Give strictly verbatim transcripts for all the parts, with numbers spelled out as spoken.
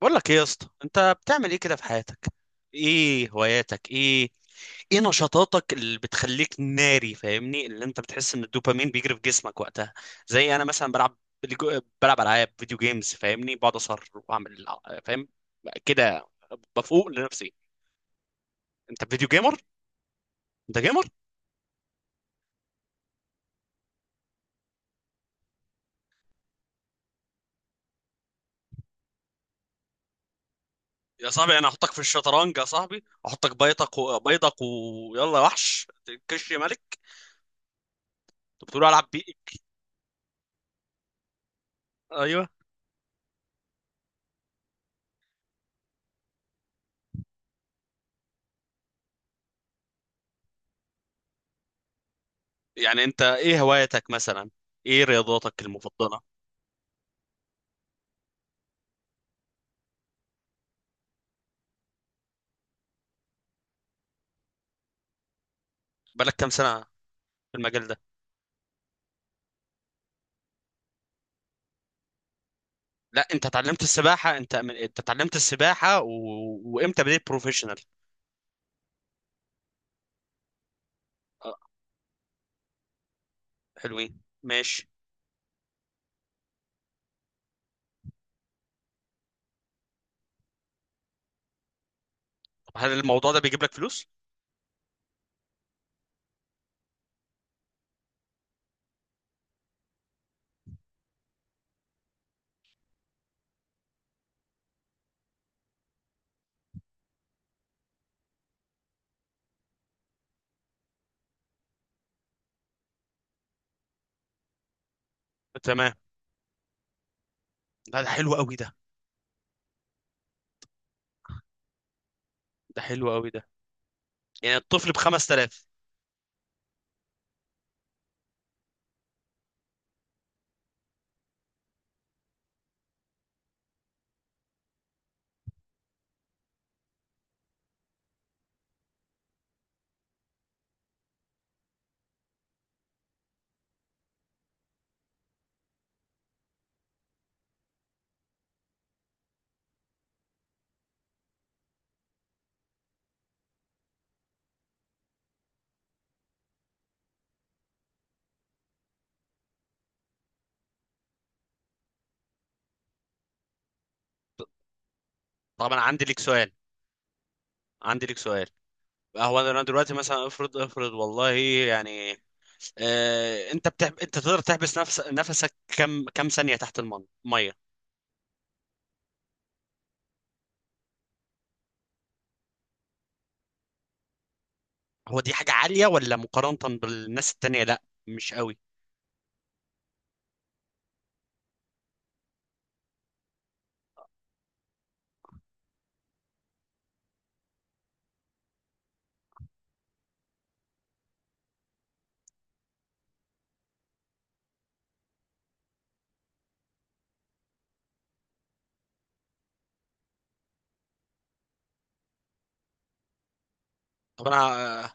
بقول لك ايه يا اسطى؟ انت بتعمل ايه كده في حياتك؟ ايه هواياتك؟ ايه ايه نشاطاتك اللي بتخليك ناري؟ فاهمني اللي انت بتحس ان الدوبامين بيجري في جسمك وقتها. زي انا مثلا بلعب ليجو- بلعب العاب فيديو جيمز، فاهمني، بقعد اصر واعمل ع- فاهم كده، بفوق لنفسي. انت فيديو جيمر؟ انت جيمر؟ يا صاحبي انا احطك في الشطرنج، يا صاحبي احطك بيضك، و... بيضك ويلا يا وحش. كش ملك. انت بتقول العب بيه؟ ايوه. يعني انت ايه هوايتك مثلا؟ ايه رياضاتك المفضله؟ بقالك كام سنه في المجال ده؟ لا انت اتعلمت السباحه، انت من... انت اتعلمت السباحه و... وامتى بديت بروفيشنال؟ اه، حلوين ماشي. طب هل الموضوع ده بيجيب لك فلوس؟ تمام. لا ده حلو قوي ده، ده حلو قوي ده. يعني الطفل ب خمس تلاف؟ طب انا عندي لك سؤال، عندي لك سؤال. آه، هو انا دلوقتي مثلا افرض افرض والله، يعني، آه انت بتح... انت تقدر تحبس نفس... نفسك كم كم ثانيه تحت الميه؟ هو دي حاجة عالية ولا مقارنة بالناس التانية؟ لا مش قوي. طب انا،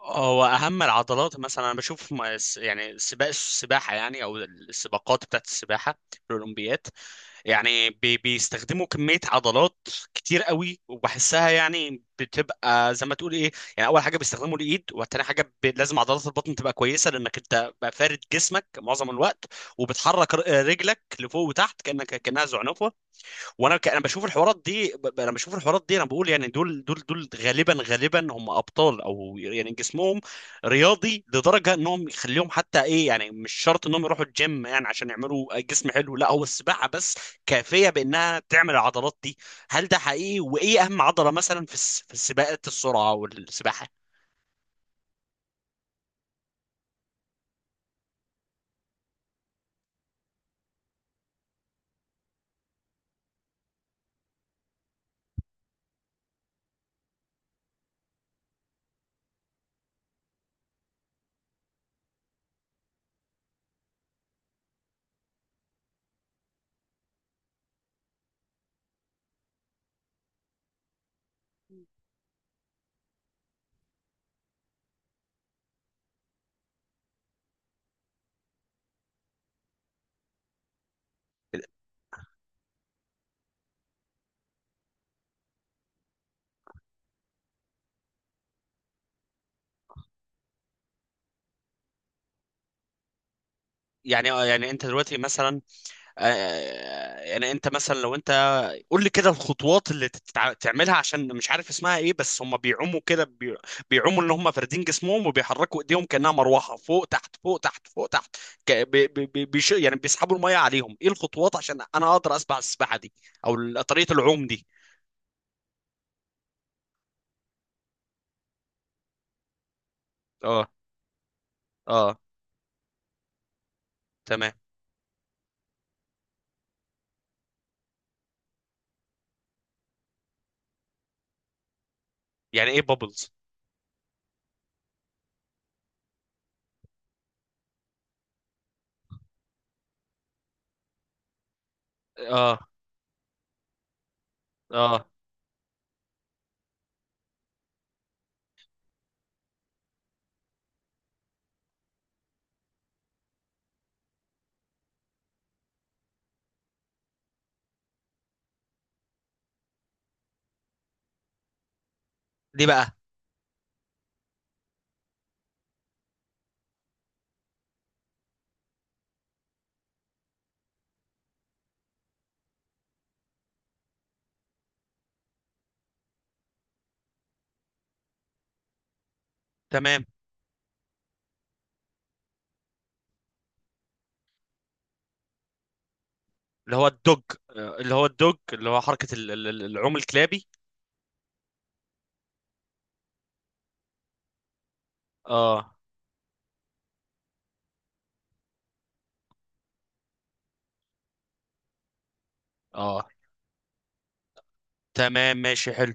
هو اهم العضلات مثلا، انا بشوف م- الس- يعني سباق السباحة، يعني او السباقات بتاعت السباحة في الاولمبياد، يعني بي بيستخدموا كمية عضلات كتير قوي، وبحسها يعني بتبقى زي ما تقول ايه. يعني اول حاجة بيستخدموا الايد، وتاني حاجة ب- لازم عضلات البطن تبقى كويسة، لانك انت بقى فارد جسمك معظم الوقت، وبتحرك ر- رجلك لفوق وتحت، كأنك كأنها زعنفة. وانا ك... انا بشوف الحوارات دي، ب... ب- انا بشوف الحوارات دي انا بقول يعني دول دول دول غالبا غالبا هم ابطال، او يعني جسمهم رياضي لدرجه انهم يخليهم حتى ايه، يعني مش شرط انهم يروحوا الجيم يعني عشان يعملوا جسم حلو، لا هو السباحه بس كافيه بانها تعمل العضلات دي. هل ده حقيقي؟ وايه اهم عضله مثلا في الس... في السباقات السرعه والسباحه؟ يعني، آه، يعني انت دلوقتي مثلا، آه، يعني انت مثلا لو انت قول لي كده الخطوات اللي تتع... تعملها، عشان مش عارف اسمها ايه، بس هم بيعوموا كده بي... بيعوموا ان هم فاردين جسمهم، وبيحركوا ايديهم كأنها مروحة، فوق تحت فوق تحت فوق تحت، ك... بي... بي... بي... بيش... يعني بيسحبوا المية عليهم. ايه الخطوات عشان انا اقدر اسبح السباحة دي، او ال- طريقة العوم دي؟ اه، اه، تمام. يعني ايه بابلز؟ اه، اه. دي بقى. تمام. اللي هو الدوج. آه، اللي هو الدوج اللي هو حركة ال- ال- العوم الكلابي. اه، اه، تمام ماشي حلو.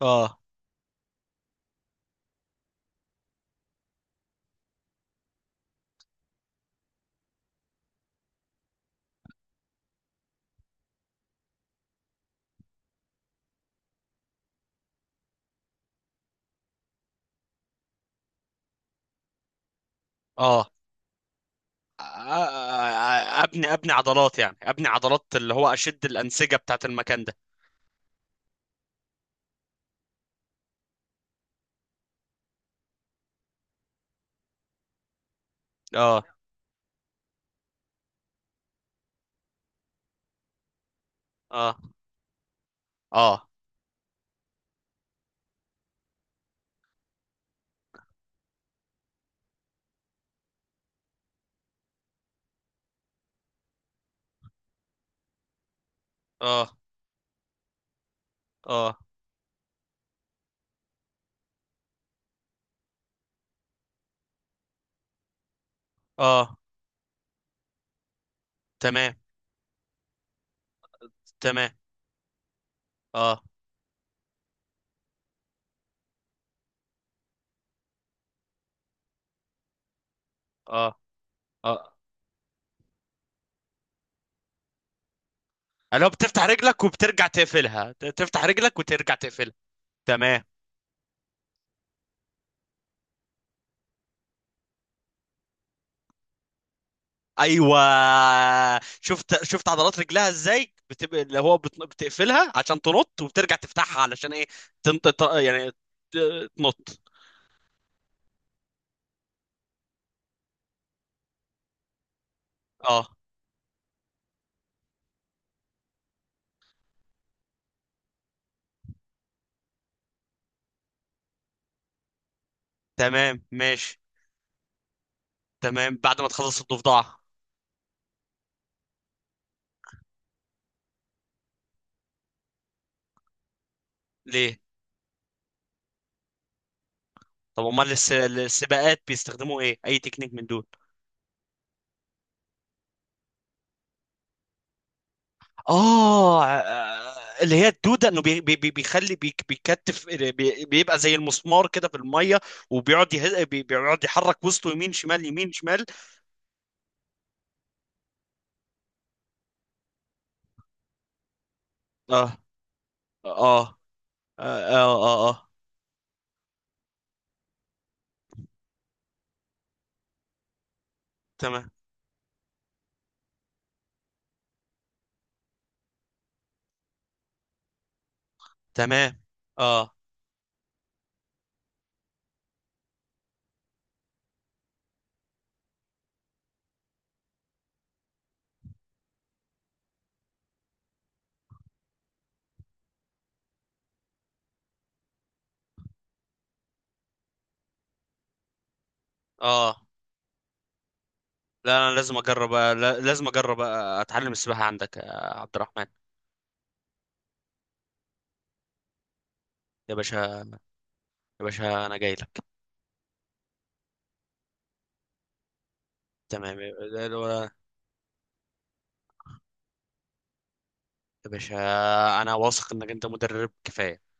اه، اه. آه، ابني ابني عضلات، يعني ابني عضلات اللي هو اشد الانسجه بتاعت المكان ده. اه، اه، اه، اه، اه، اه، تمام، تمام، اه، اه، اه. اللي هو بتفتح رجلك وبترجع تقفلها، ت- تفتح رجلك وترجع تقفلها. تمام. ايوه. شفت شفت عضلات رجلها ازاي بتبقى؟ اللي هو بت- بتقفلها عشان تنط، وبترجع تفتحها علشان ايه؟ تنط، ت- يعني ت- تنط. اه. تمام ماشي. تمام بعد ما تخلص الضفدعه. ليه؟ طب امال الس- السباقات بيستخدموا ايه؟ اي تكنيك من دول؟ اه. آه، آه، اللي هي الدوده، انه بي بي بي- بيخلي بي بيكتف بي بيبقى زي المسمار كده في الميه، وبيقعد يه... بي بيقعد يحرك وسطه يمين شمال يمين شمال. اه، اه، اه، اه، اه، آه. تمام، تمام، اه، اه. لا انا لازم اجرب، آه، لا- لازم اجرب، آه، اتعلم السباحه عندك يا عبد الرحمن. يا باشا، يا باشا، انا جاي لك. تمام. يا باشا انا واثق انك انت مدرب كفايه.